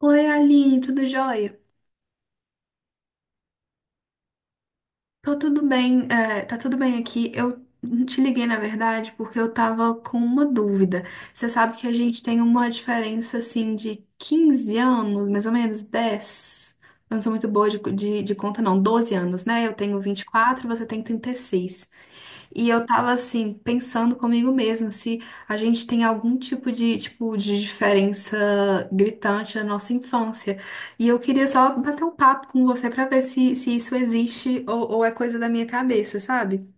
Oi, Aline, tudo jóia? Tô tudo bem, tá tudo bem aqui. Eu te liguei, na verdade, porque eu tava com uma dúvida. Você sabe que a gente tem uma diferença, assim, de 15 anos, mais ou menos 10. Eu não sou muito boa de conta, não. 12 anos, né? Eu tenho 24, você tem 36. E eu tava assim, pensando comigo mesma, se a gente tem algum tipo, de diferença gritante na nossa infância. E eu queria só bater um papo com você pra ver se, se isso existe ou é coisa da minha cabeça, sabe?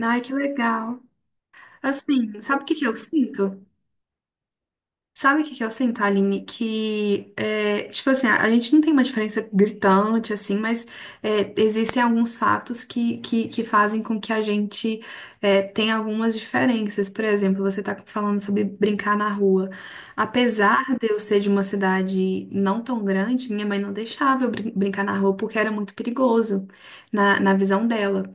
Ai, que legal. Assim, sabe o que que eu sinto? Sabe o que que eu sinto, Aline? Que, é, tipo assim, a gente não tem uma diferença gritante, assim, mas existem alguns fatos que fazem com que a gente tenha algumas diferenças. Por exemplo, você tá falando sobre brincar na rua. Apesar de eu ser de uma cidade não tão grande, minha mãe não deixava eu brincar na rua porque era muito perigoso, na visão dela.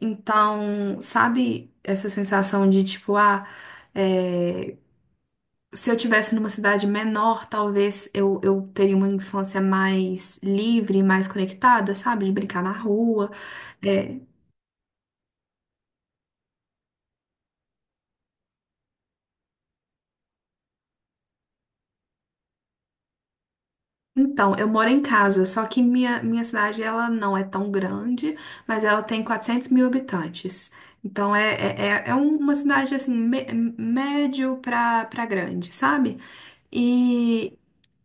Então, sabe essa sensação de, tipo, ah. é, Se eu tivesse numa cidade menor, talvez eu teria uma infância mais livre, mais conectada, sabe? De brincar na rua. É. Então, eu moro em casa, só que minha cidade, ela não é tão grande, mas ela tem 400 mil habitantes. Então, é um, uma cidade, assim, médio pra grande, sabe? E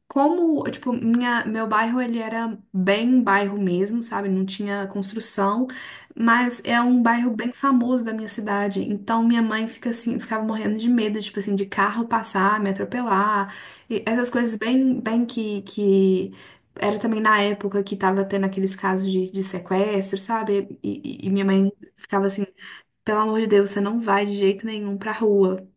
como, tipo, meu bairro, ele era bem bairro mesmo, sabe? Não tinha construção, mas é um bairro bem famoso da minha cidade. Então, minha mãe fica assim, ficava morrendo de medo, tipo assim, de carro passar, me atropelar. E essas coisas bem, bem que... Era também na época que tava tendo aqueles casos de sequestro, sabe? E minha mãe ficava assim, pelo amor de Deus, você não vai de jeito nenhum pra rua.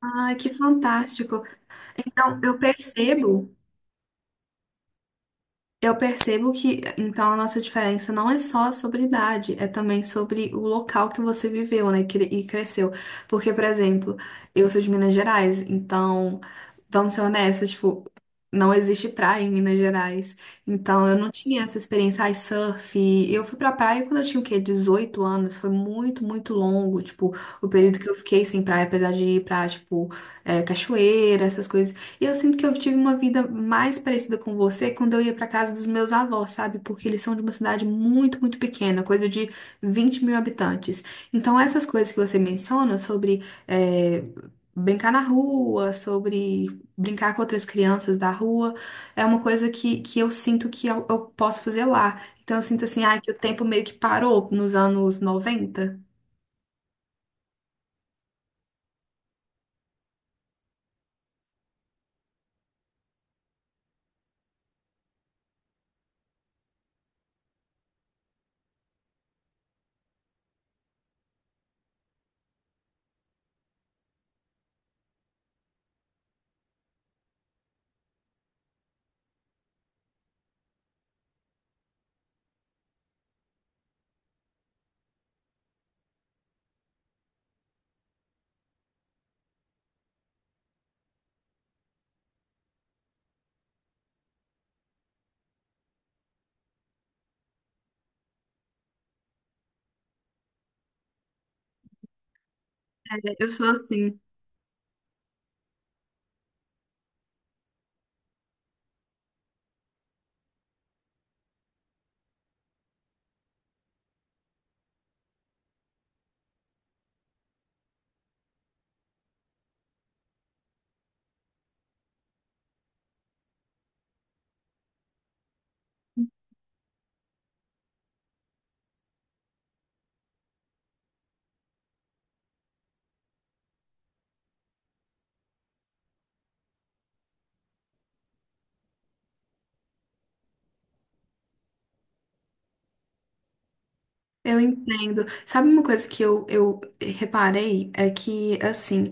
Ai, que fantástico. Então, eu percebo... Eu percebo que então a nossa diferença não é só sobre idade, é também sobre o local que você viveu, né, e cresceu. Porque, por exemplo, eu sou de Minas Gerais, então vamos ser honestas, tipo, não existe praia em Minas Gerais. Então eu não tinha essa experiência, ai, surf. Eu fui pra praia quando eu tinha o quê? 18 anos, foi muito, muito longo, tipo, o período que eu fiquei sem praia, apesar de ir pra, tipo, cachoeira, essas coisas e eu sinto que eu tive uma vida mais parecida com você quando eu ia pra casa dos meus avós, sabe? Porque eles são de uma cidade muito, muito pequena, coisa de 20 mil habitantes. Então, essas coisas que você menciona sobre eh, brincar na rua, sobre brincar com outras crianças da rua, é uma coisa que eu sinto que eu posso fazer lá. Então, eu sinto assim, ah, que o tempo meio que parou nos anos 90. É, eu sou assim. Eu entendo. Sabe uma coisa que eu reparei? É que, assim,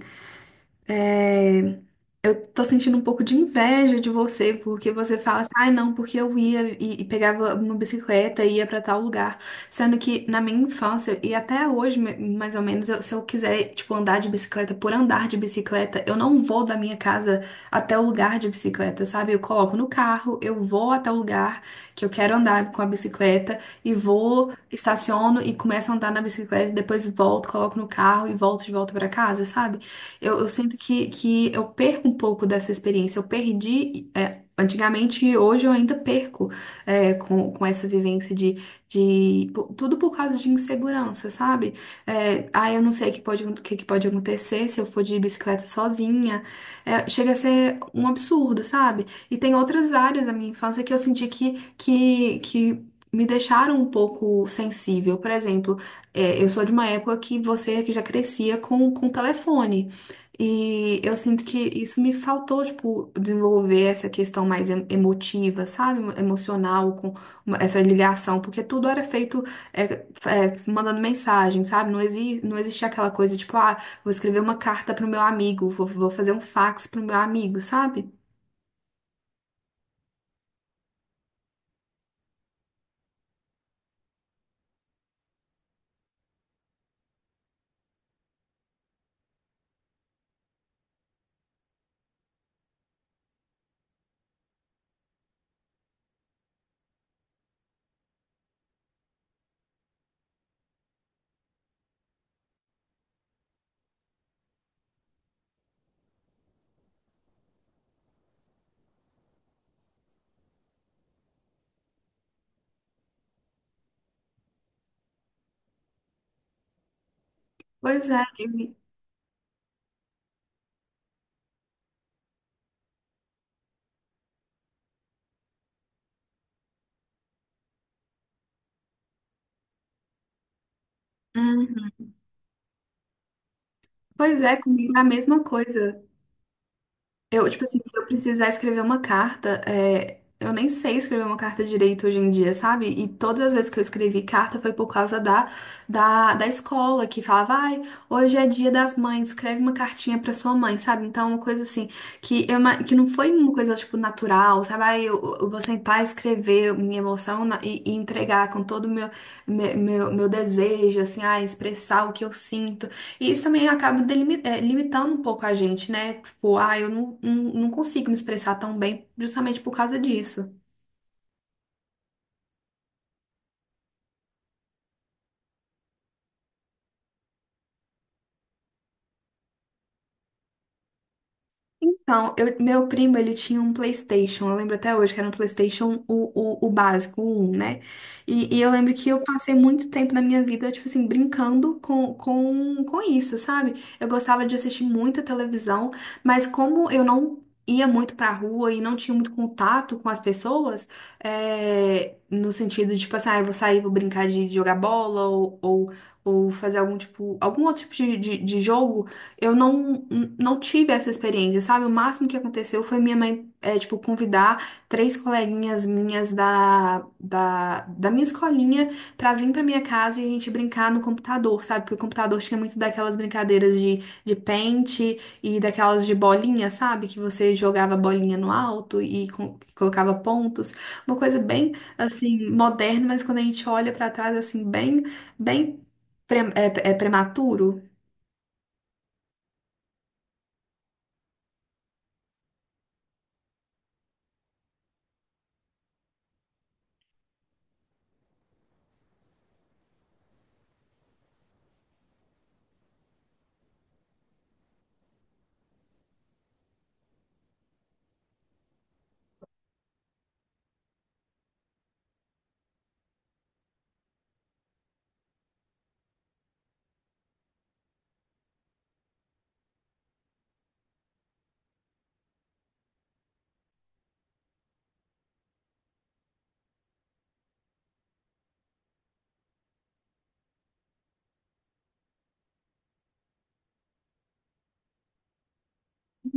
é, eu tô sentindo um pouco de inveja de você, porque você fala assim, ai não, porque eu ia e pegava uma bicicleta e ia pra tal lugar. Sendo que na minha infância, e até hoje, mais ou menos, se eu quiser, tipo, andar de bicicleta por andar de bicicleta, eu não vou da minha casa até o lugar de bicicleta, sabe? Eu coloco no carro, eu vou até o lugar que eu quero andar com a bicicleta e vou, estaciono e começo a andar na bicicleta, depois volto, coloco no carro e volto de volta pra casa, sabe? Eu sinto que eu perco um pouco dessa experiência. Eu perdi, é, antigamente e hoje eu ainda perco, é, com essa vivência de, tudo por causa de insegurança, sabe? É, ah, eu não sei o que pode, o que que pode acontecer se eu for de bicicleta sozinha. É, chega a ser um absurdo, sabe? E tem outras áreas da minha infância que eu senti que me deixaram um pouco sensível. Por exemplo, eu sou de uma época que você que já crescia com telefone. E eu sinto que isso me faltou, tipo, desenvolver essa questão mais emotiva, sabe? Emocional, com essa ligação, porque tudo era feito é, mandando mensagem, sabe? Não, exi não existia aquela coisa, tipo, ah, vou escrever uma carta pro meu amigo, vou fazer um fax pro meu amigo, sabe? Pois é, e- Uhum. Pois é, comigo é a mesma coisa. Eu, tipo assim, se eu precisar escrever uma carta, é, eu nem sei escrever uma carta direito hoje em dia, sabe? E todas as vezes que eu escrevi carta foi por causa da escola, que falava, ai, hoje é dia das mães, escreve uma cartinha pra sua mãe, sabe? Então, é uma coisa assim, que, que não foi uma coisa, tipo, natural, sabe? Ai, eu vou sentar e escrever minha emoção e entregar com todo o meu desejo, assim, ai, expressar o que eu sinto. E isso também acaba limitando um pouco a gente, né? Tipo, ah, eu não consigo me expressar tão bem justamente por causa disso. Então, meu primo, ele tinha um PlayStation, eu lembro até hoje que era um PlayStation o básico, o 1, né? E eu lembro que eu passei muito tempo na minha vida, tipo assim, brincando com isso, sabe? Eu gostava de assistir muita televisão, mas como eu não ia muito pra rua e não tinha muito contato com as pessoas, é, no sentido de, tipo assim, ah, eu vou sair, vou brincar de jogar bola ou fazer algum tipo, algum outro tipo de jogo, eu não, não tive essa experiência, sabe? O máximo que aconteceu foi minha mãe, é, tipo, convidar três coleguinhas minhas da minha escolinha pra vir pra minha casa e a gente brincar no computador, sabe? Porque o computador tinha muito daquelas brincadeiras de pente e daquelas de bolinha, sabe? Que você jogava bolinha no alto e colocava pontos. Uma coisa bem, assim, moderna, mas quando a gente olha pra trás, assim, bem, bem é prematuro.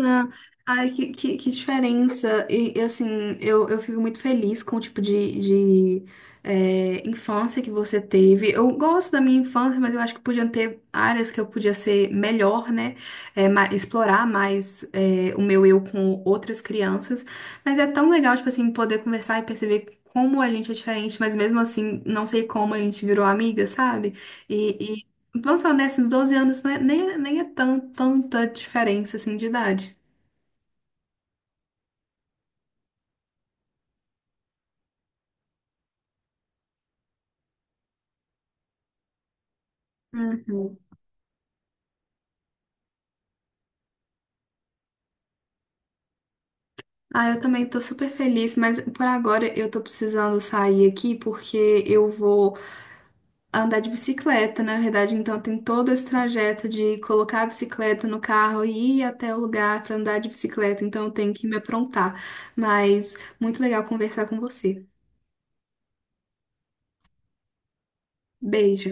Ah, ai, que diferença. Assim, eu fico muito feliz com o tipo de infância que você teve. Eu gosto da minha infância, mas eu acho que podiam ter áreas que eu podia ser melhor, né? É, explorar mais é, o meu eu com outras crianças. Mas é tão legal, tipo assim, poder conversar e perceber como a gente é diferente, mas mesmo assim, não sei como a gente virou amiga, sabe? Vamos ser honestos, 12 anos não é- nem é tão, tanta diferença assim de idade. Uhum. Ah, eu também tô super feliz, mas por agora eu tô precisando sair aqui porque eu vou andar de bicicleta, na verdade, então tem todo esse trajeto de colocar a bicicleta no carro e ir até o lugar pra andar de bicicleta, então eu tenho que me aprontar. Mas muito legal conversar com você. Beijo.